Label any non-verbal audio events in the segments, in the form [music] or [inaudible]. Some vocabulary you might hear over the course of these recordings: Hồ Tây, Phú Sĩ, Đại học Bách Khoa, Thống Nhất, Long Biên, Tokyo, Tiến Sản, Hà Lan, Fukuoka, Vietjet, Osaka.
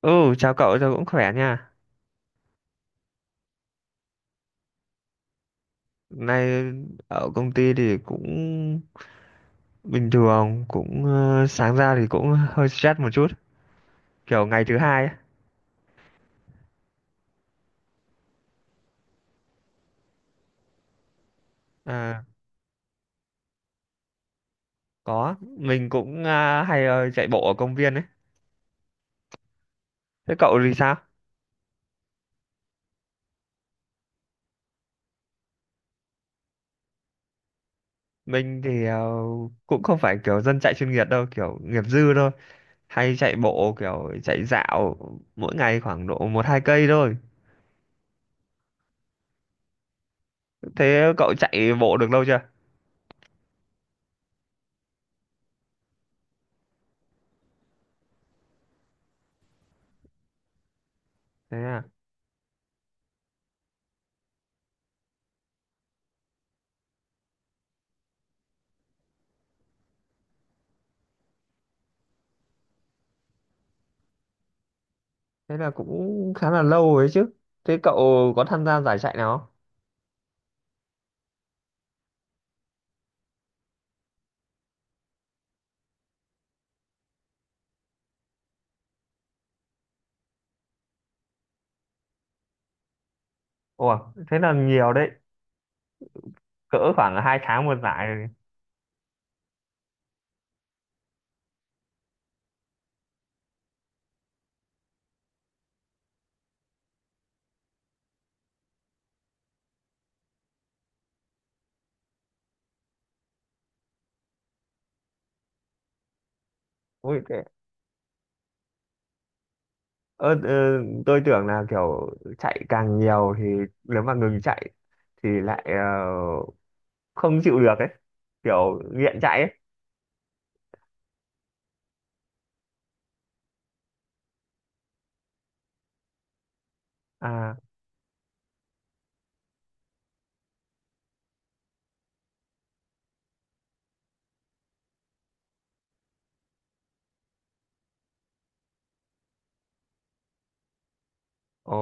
Ừ, chào cậu, tôi cũng khỏe nha. Nay ở công ty thì cũng bình thường, cũng sáng ra thì cũng hơi stress một chút, kiểu ngày thứ hai ấy. À, có, mình cũng hay chạy bộ ở công viên ấy. Thế cậu thì sao? Mình thì cũng không phải kiểu dân chạy chuyên nghiệp đâu, kiểu nghiệp dư thôi. Hay chạy bộ kiểu chạy dạo mỗi ngày khoảng độ một hai cây thôi. Thế cậu chạy bộ được lâu chưa? Thế à? Thế là cũng khá là lâu ấy chứ. Thế cậu có tham gia giải chạy nào không? Ủa, thế là nhiều đấy, cỡ khoảng hai tháng một giải rồi. Ui thế, ơ ờ, tôi tưởng là kiểu chạy càng nhiều thì nếu mà ngừng chạy thì lại không chịu được ấy, kiểu nghiện chạy ấy. À. Ồ.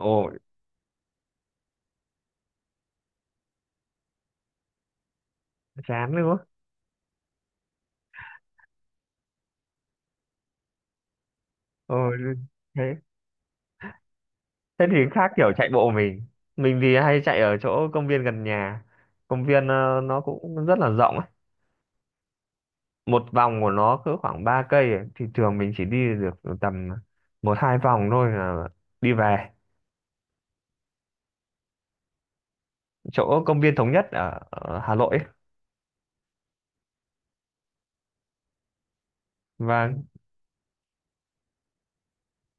Ồ, chán nữa. Ồ. Thế, thế thì khác kiểu chạy bộ mình. Mình thì hay chạy ở chỗ công viên gần nhà, công viên nó cũng rất là rộng, một vòng của nó cỡ khoảng 3 cây ấy. Thì thường mình chỉ đi được tầm một hai vòng thôi là đi về. Chỗ công viên Thống Nhất ở Hà Nội ấy. Vâng.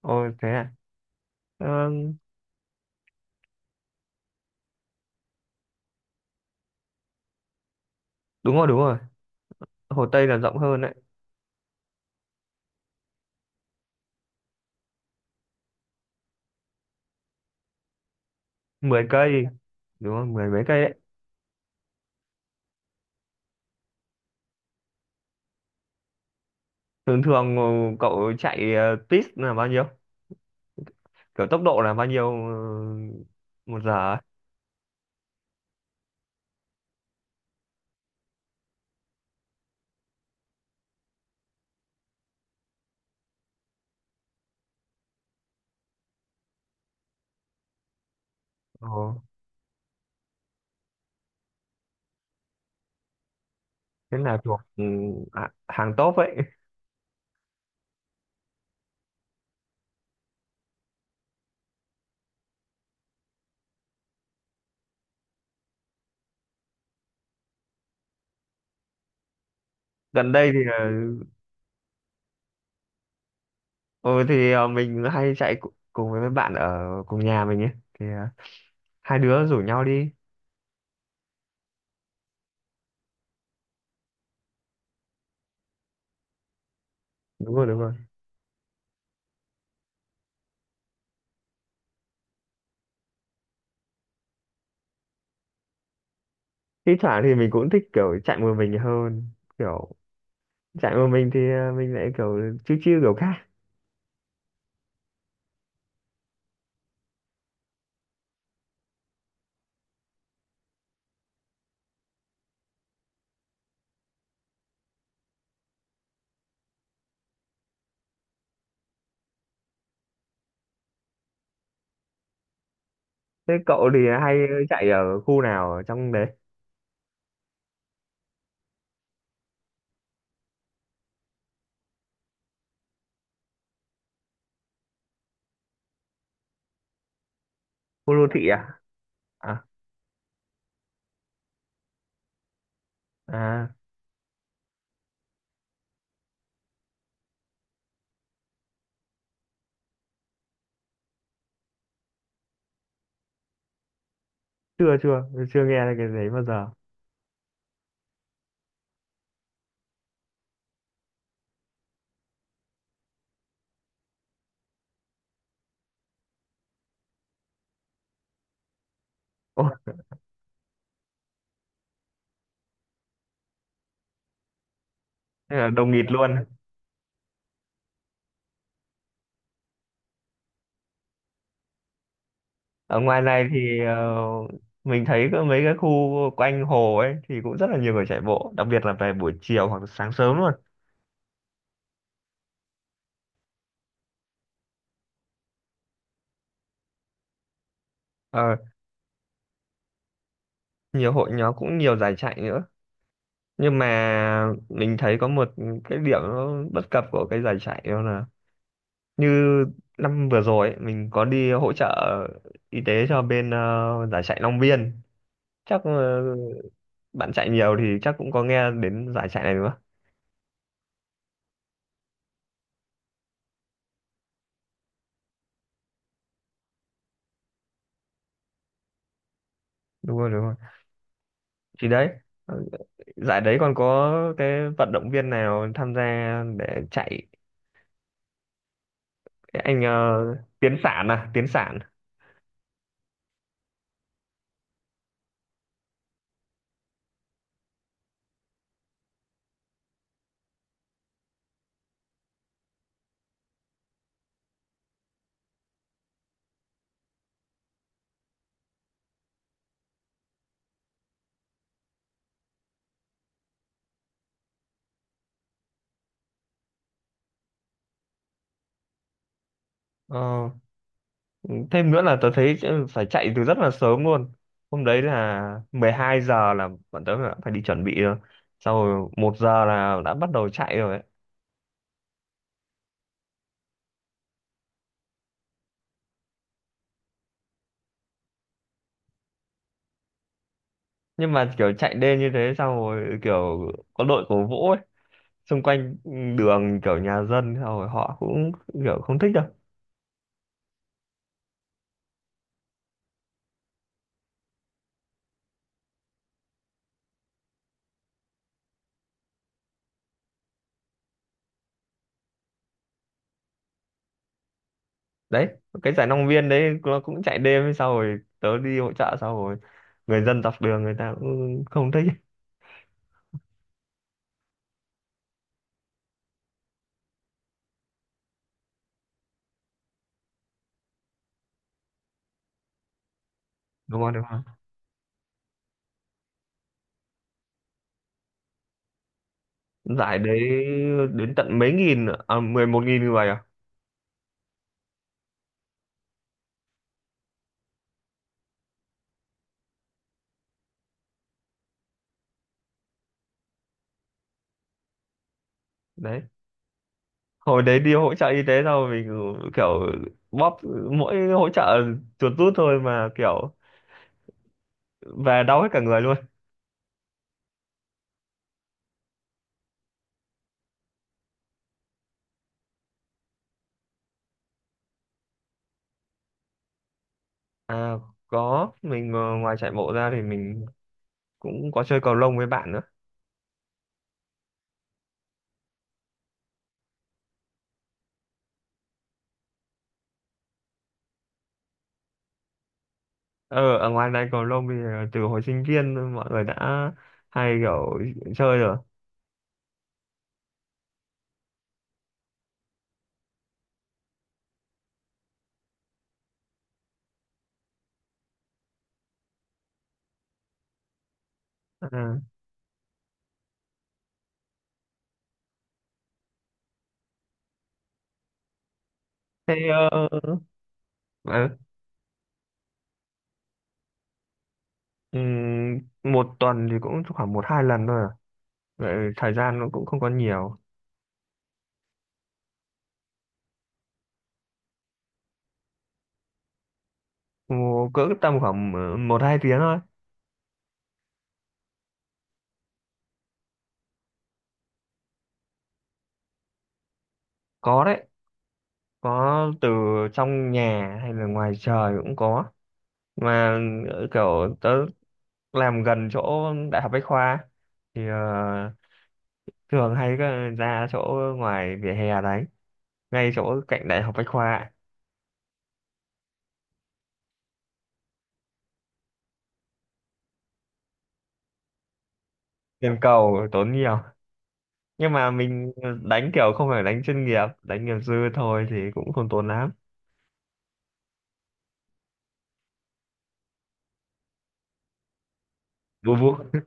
Ôi thế à. Ờ, đúng rồi đúng rồi, Hồ Tây là rộng hơn đấy. 10 cây, đúng rồi, mười mấy cây đấy. Thường thường cậu chạy tít là bao nhiêu, kiểu tốc độ là bao nhiêu 1 giờ ấy? Ồ, thế là thuộc hàng top ấy [laughs] gần đây thì ừ thì mình hay chạy cùng với mấy bạn ở cùng nhà mình ấy thì hai đứa rủ nhau đi. Đúng rồi, đúng rồi. Thi thoảng thì mình cũng thích kiểu chạy một mình hơn, kiểu chạy một mình thì mình lại kiểu chill chill kiểu khác. Thế cậu thì hay chạy ở khu nào ở trong đấy? Khu đô thị à? À, à. Chưa chưa chưa nghe cái đấy bao giờ. Ồ, thế là đồng nghịt luôn. Ở ngoài này thì mình thấy có mấy cái khu quanh hồ ấy thì cũng rất là nhiều người chạy bộ, đặc biệt là về buổi chiều hoặc sáng sớm luôn. Ờ, nhiều hội nhóm, cũng nhiều giải chạy nữa. Nhưng mà mình thấy có một cái điểm nó bất cập của cái giải chạy đó là như năm vừa rồi ấy, mình có đi hỗ trợ y tế cho bên giải chạy Long Biên. Chắc bạn chạy nhiều thì chắc cũng có nghe đến giải chạy này đúng không? Đúng rồi đúng rồi. Thì đấy ờ, giải đấy còn có cái vận động viên nào tham gia để chạy, cái anh Tiến Sản à, Tiến Sản. Ờ, thêm nữa là tớ thấy phải chạy từ rất là sớm luôn, hôm đấy là 12 giờ là bọn tớ đã phải đi chuẩn bị rồi, sau rồi 1 giờ là đã bắt đầu chạy rồi ấy. Nhưng mà kiểu chạy đêm như thế xong rồi kiểu có đội cổ vũ ấy xung quanh đường kiểu nhà dân xong rồi họ cũng kiểu không thích đâu. Đấy, cái giải Long Biên đấy nó cũng chạy đêm, sau rồi tớ đi hỗ trợ, sau rồi người dân dọc đường người ta cũng không thích. Đúng không đúng không, giải đấy đến tận mấy nghìn à, 11.000 người à. Đấy hồi đấy đi hỗ trợ y tế sao mình kiểu bóp mỗi hỗ trợ chuột rút thôi mà kiểu về đau hết cả người luôn. À có, mình ngoài chạy bộ ra thì mình cũng có chơi cầu lông với bạn nữa. Ờ ở ngoài này cầu lông thì từ hồi sinh viên mọi người đã hay kiểu chơi rồi. À, thế ờ, ờ, một tuần thì cũng khoảng một hai lần thôi à. Vậy thời gian nó cũng không có nhiều. Ồ, cỡ tầm khoảng một hai tiếng thôi. Có đấy, có từ trong nhà hay là ngoài trời cũng có mà kiểu tớ làm gần chỗ Đại học Bách Khoa thì thường hay có ra chỗ ngoài vỉa hè đấy ngay chỗ cạnh Đại học Bách Khoa. Tiền cầu tốn nhiều nhưng mà mình đánh kiểu không phải đánh chuyên nghiệp, đánh nghiệp dư thôi thì cũng không tốn lắm. Vu vu.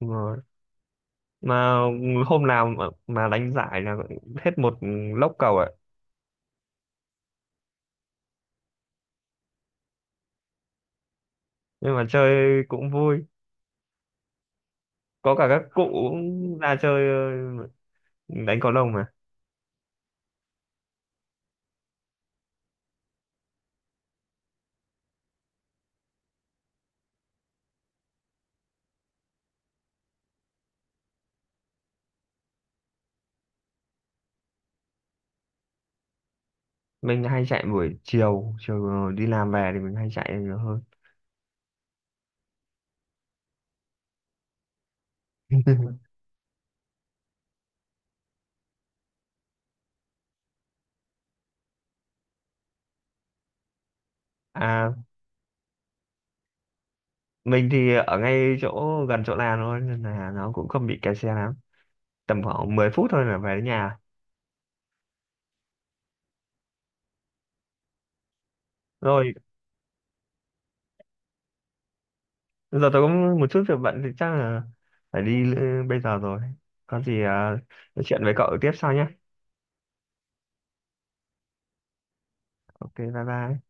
Đúng rồi. Mà hôm nào mà đánh giải là hết một lốc cầu ạ. Nhưng mà chơi cũng vui, có cả các cụ ra chơi ờ, đánh cầu lông mà. Mình hay chạy buổi chiều, chiều đi làm về thì mình hay chạy nhiều hơn. [laughs] À mình thì ở ngay chỗ gần chỗ làm thôi nên là nó cũng không bị kẹt xe lắm, tầm khoảng 10 phút thôi là về đến nhà. Rồi giờ tôi có một chút việc bận thì chắc là phải đi bây giờ rồi, có gì nói chuyện với cậu tiếp sau nhé. Ok bye bye